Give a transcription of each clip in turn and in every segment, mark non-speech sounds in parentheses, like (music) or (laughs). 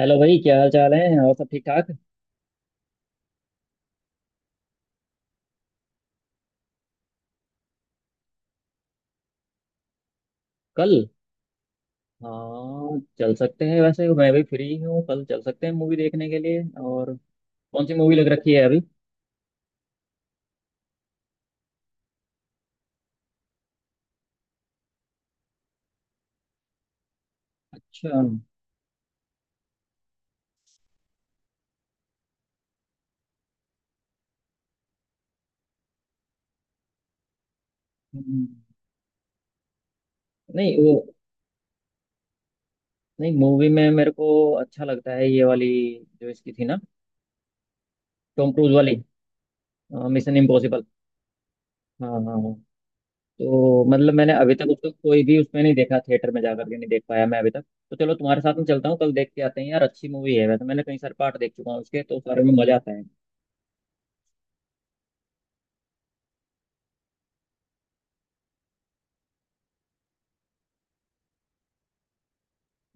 Hello भाई, क्या हाल चाल है। और सब ठीक ठाक। कल? हाँ, चल सकते हैं वैसे, मैं भी फ्री हूँ कल, चल सकते हैं मूवी देखने के लिए। और कौन सी मूवी लग रखी है अभी? अच्छा। हम्म, नहीं वो, नहीं मूवी में मेरे को अच्छा लगता है ये वाली, जो इसकी थी ना, टॉम क्रूज वाली, मिशन इम्पॉसिबल। हाँ हाँ हाँ। तो मतलब मैंने अभी तक उसको कोई भी उसमें नहीं देखा, थिएटर में जाकर के नहीं देख पाया मैं अभी तक। तो चलो, तुम्हारे साथ में चलता हूँ कल, देख के आते हैं। यार अच्छी मूवी है वैसे, मैंने कई सारे पार्ट देख चुका हूँ उसके, तो सारे में मजा आता है।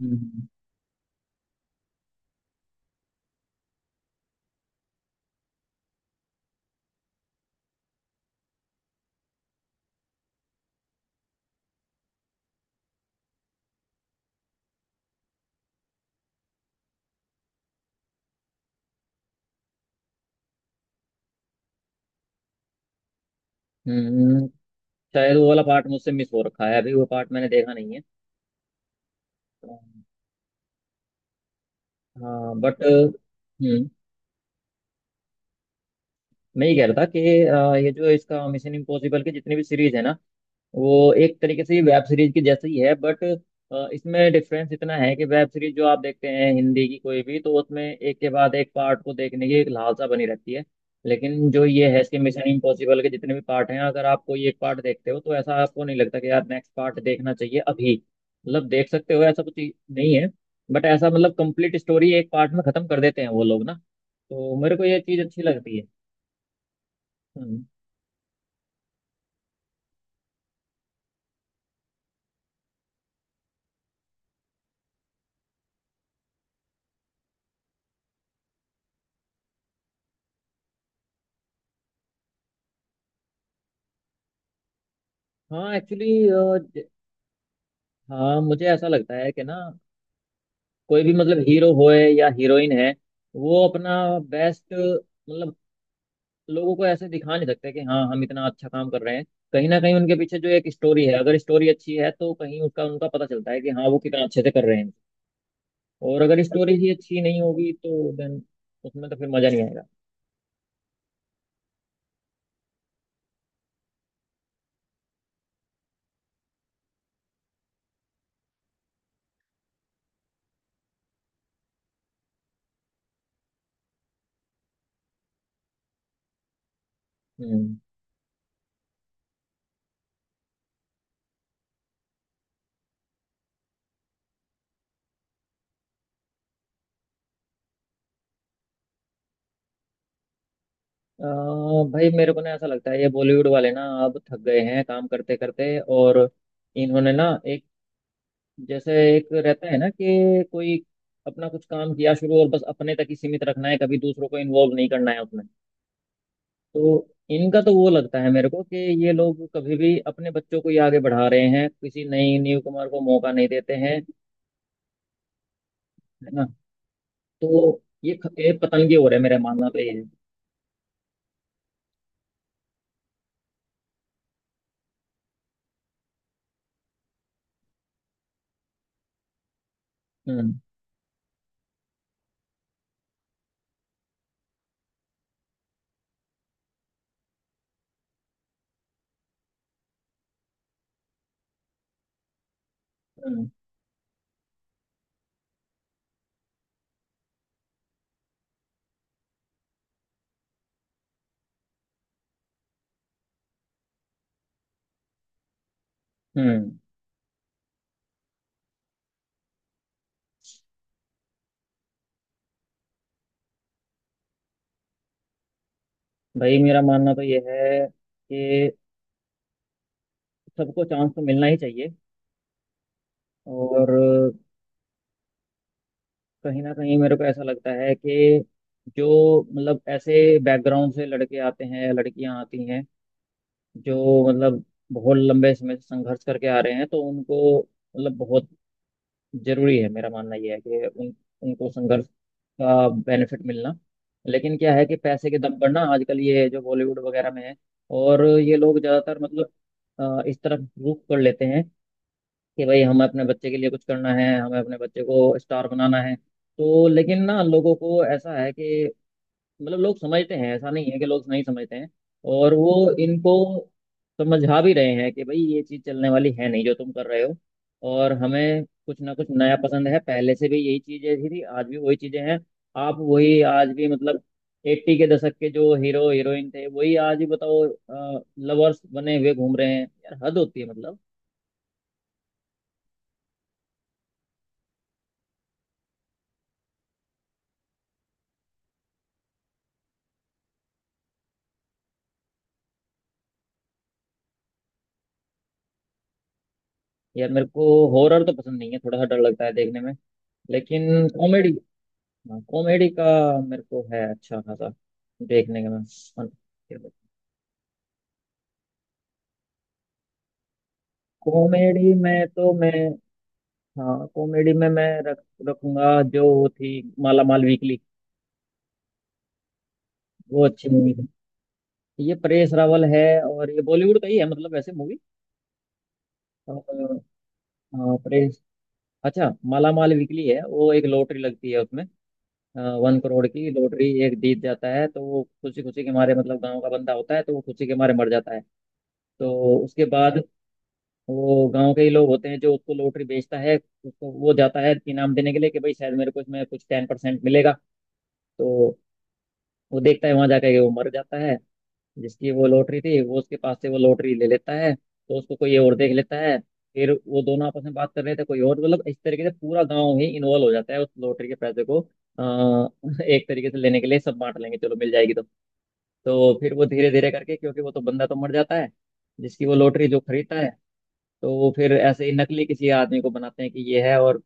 हम्म हम्म शायद वो वाला पार्ट मुझसे मिस हो रखा है, अभी वो पार्ट मैंने देखा नहीं है। तो, हाँ बट मैं ये कह रहा था कि ये जो इसका मिशन इम्पॉसिबल की जितनी भी सीरीज है ना, वो एक तरीके से ये वेब सीरीज की जैसे ही है, बट इसमें डिफरेंस इतना है कि वेब सीरीज जो आप देखते हैं हिंदी की कोई भी, तो उसमें एक के बाद एक पार्ट को देखने की एक लालसा बनी रहती है। लेकिन जो ये है, इसके मिशन इम्पॉसिबल के जितने भी पार्ट हैं, अगर आप कोई एक पार्ट देखते हो तो ऐसा आपको नहीं लगता कि यार नेक्स्ट पार्ट देखना चाहिए अभी। मतलब देख सकते हो, ऐसा कुछ नहीं है। बट ऐसा, मतलब कंप्लीट स्टोरी एक पार्ट में खत्म कर देते हैं वो लोग ना। तो मेरे को ये चीज़ अच्छी लगती है। हम्म। हाँ एक्चुअली, हाँ मुझे ऐसा लगता है कि ना, कोई भी मतलब हीरो होए या हीरोइन है, वो अपना बेस्ट, मतलब लोगों को ऐसे दिखा नहीं सकते कि हाँ हम इतना अच्छा काम कर रहे हैं। कहीं ना कहीं उनके पीछे जो एक स्टोरी है, अगर स्टोरी अच्छी है तो कहीं उसका उनका पता चलता है कि हाँ वो कितना अच्छे से कर रहे हैं। और अगर स्टोरी ही अच्छी नहीं होगी तो देन उसमें तो फिर मजा नहीं आएगा। हम्म अ, भाई मेरे को ना ऐसा लगता है, ये बॉलीवुड वाले ना अब थक गए हैं काम करते करते। और इन्होंने ना एक, जैसे एक रहता है ना कि कोई अपना कुछ काम किया शुरू, और बस अपने तक ही सीमित रखना है, कभी दूसरों को इन्वॉल्व नहीं करना है उसमें। तो इनका तो वो लगता है मेरे को कि ये लोग कभी भी अपने बच्चों को ही आगे बढ़ा रहे हैं, किसी नई न्यू कुमार को मौका नहीं देते हैं। है ना? तो ये पतंगे हो रहे हैं, मेरा मानना तो ये है। हम्म हम्म हम्म भाई मेरा मानना तो ये है कि सबको चांस तो मिलना ही चाहिए। और कहीं ना कहीं मेरे को ऐसा लगता है कि जो मतलब ऐसे बैकग्राउंड से लड़के आते हैं या लड़कियां आती हैं, जो मतलब बहुत लंबे समय से संघर्ष करके आ रहे हैं, तो उनको मतलब बहुत जरूरी है, मेरा मानना ये है कि उन उनको संघर्ष का बेनिफिट मिलना। लेकिन क्या है कि पैसे के दम पर ना आजकल ये जो बॉलीवुड वगैरह में है, और ये लोग ज्यादातर मतलब इस तरफ रुख कर लेते हैं कि भाई हमें अपने बच्चे के लिए कुछ करना है, हमें अपने बच्चे को स्टार बनाना है। तो लेकिन ना लोगों को ऐसा है कि, मतलब लोग समझते हैं, ऐसा नहीं है कि लोग नहीं समझते हैं। और वो इनको समझा भी रहे हैं कि भाई ये चीज़ चलने वाली है नहीं जो तुम कर रहे हो। और हमें कुछ ना कुछ नया पसंद है, पहले से भी यही चीज़ें थी आज भी वही चीज़ें हैं। आप वही आज भी, मतलब 80 के दशक के जो हीरो हीरोइन थे वही आज भी, बताओ, लवर्स बने हुए घूम रहे हैं यार, हद होती है मतलब। यार मेरे को हॉरर तो पसंद नहीं है, थोड़ा सा डर लगता है देखने में, लेकिन कॉमेडी, हाँ कॉमेडी का मेरे को है अच्छा खासा देखने का। मैं, कॉमेडी में तो मैं, हाँ कॉमेडी में मैं रख रखूंगा जो वो थी, माला माल वीकली। वो अच्छी मूवी थी। ये परेश रावल है और ये बॉलीवुड का ही है मतलब, वैसे मूवी। परेश, अच्छा माला माल वीकली है, वो एक लॉटरी लगती है, 1 करोड़ की लॉटरी, एक जीत जाता है तो वो खुशी खुशी के मारे, मतलब गांव का बंदा होता है तो वो खुशी के मारे मर जाता है। तो उसके बाद वो गांव के ही लोग होते हैं, जो उसको लॉटरी बेचता है, उसको वो जाता है इनाम देने के लिए कि भाई शायद मेरे को इसमें कुछ 10% मिलेगा। तो वो देखता है वहां जाकर के वो मर जाता है, जिसकी वो लॉटरी थी, वो उसके पास से वो लॉटरी ले लेता है, तो उसको कोई और देख लेता है। फिर वो दोनों आपस में बात कर रहे थे, कोई और मतलब इस तरीके से पूरा गांव ही इन्वॉल्व हो जाता है उस लॉटरी के पैसे को (laughs) एक तरीके से लेने के लिए। सब बांट लेंगे, चलो मिल जाएगी। तो फिर वो धीरे धीरे करके, क्योंकि वो तो बंदा तो मर जाता है जिसकी वो लॉटरी, जो खरीदता है, तो वो फिर ऐसे ही नकली किसी आदमी को बनाते हैं कि ये है। और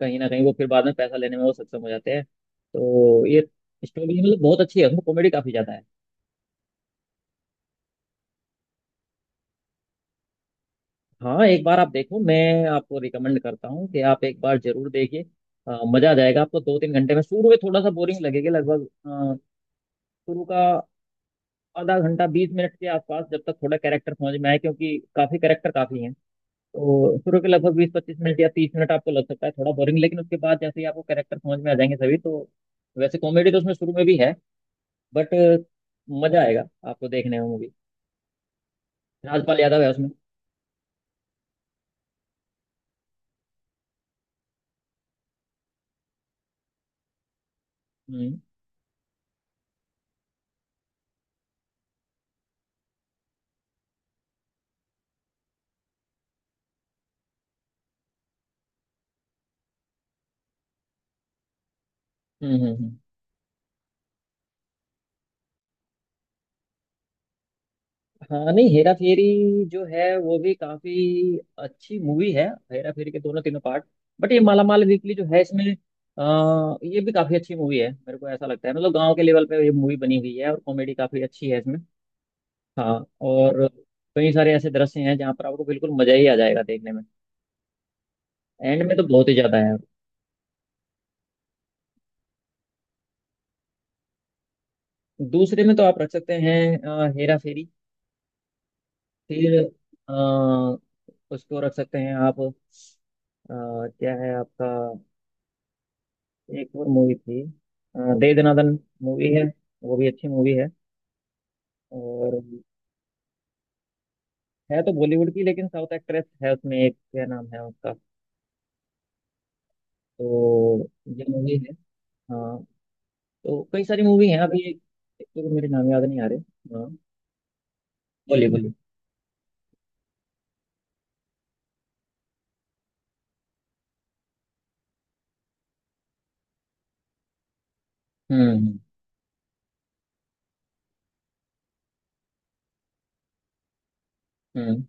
कहीं ना कहीं वो फिर बाद में पैसा लेने में वो सक्षम हो जाते हैं। तो ये स्टोरी मतलब बहुत अच्छी है, उसमें कॉमेडी काफी ज्यादा है। हाँ एक बार आप देखो, मैं आपको रिकमेंड करता हूँ कि आप एक बार जरूर देखिए। मजा आ जाएगा आपको 2-3 घंटे में। शुरू में थोड़ा सा बोरिंग लगेगी, लगभग शुरू का आधा घंटा 20 मिनट के आसपास, जब तक थोड़ा कैरेक्टर समझ में आए, क्योंकि काफी कैरेक्टर काफी हैं। तो शुरू के लगभग 20-25 मिनट या 30 मिनट आपको लग सकता है थोड़ा बोरिंग, लेकिन उसके बाद जैसे ही आपको कैरेक्टर समझ में आ जाएंगे सभी तो, वैसे कॉमेडी तो उसमें शुरू में भी है बट, मजा आएगा आपको देखने में मूवी। राजपाल यादव है उसमें। हम्म हम्म हम्म हम्म। हाँ नहीं, हेरा फेरी जो है वो भी काफी अच्छी मूवी है, हेरा फेरी के दोनों तीनों पार्ट। बट ये माला माल वीकली जो है इसमें, ये भी काफी अच्छी मूवी है, मेरे को ऐसा लगता है। मतलब गांव के लेवल पे ये मूवी बनी हुई है, और कॉमेडी काफी अच्छी है इसमें। हाँ। और कई सारे ऐसे दृश्य हैं जहाँ पर आपको बिल्कुल मजा ही आ जाएगा देखने में, एंड में तो बहुत ही ज्यादा है। दूसरे में तो आप रख सकते हैं हेरा फेरी। फिर अ, उसको रख सकते हैं आप, क्या है आपका, एक और मूवी थी, दे दनादन मूवी है, वो भी अच्छी मूवी है। और है तो बॉलीवुड की लेकिन साउथ एक्ट्रेस है उसमें एक, क्या नाम है उसका, तो ये मूवी है। हाँ। तो कई सारी मूवी हैं अभी, एक, एक तो मेरे नाम याद नहीं आ रहे। हाँ, बोलिए बोलिए। हम्म हम्म हम्म,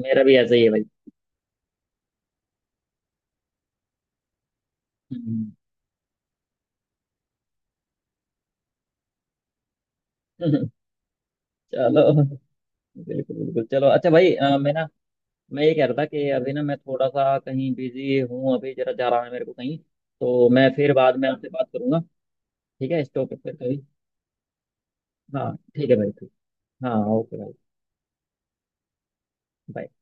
मेरा भी ऐसा ही है भाई। हम्म हम्म, (laughs) चलो, बिल्कुल बिल्कुल। चलो अच्छा भाई, मैं ये कह रहा था कि अभी ना मैं थोड़ा सा कहीं बिजी हूँ, अभी जरा जा रहा है मेरे को कहीं। तो मैं फिर बाद में आपसे बात करूंगा। ठीक है, स्टॉप करते हैं अभी। हाँ ठीक है भाई, ठीक। हाँ ओके भाई। bye।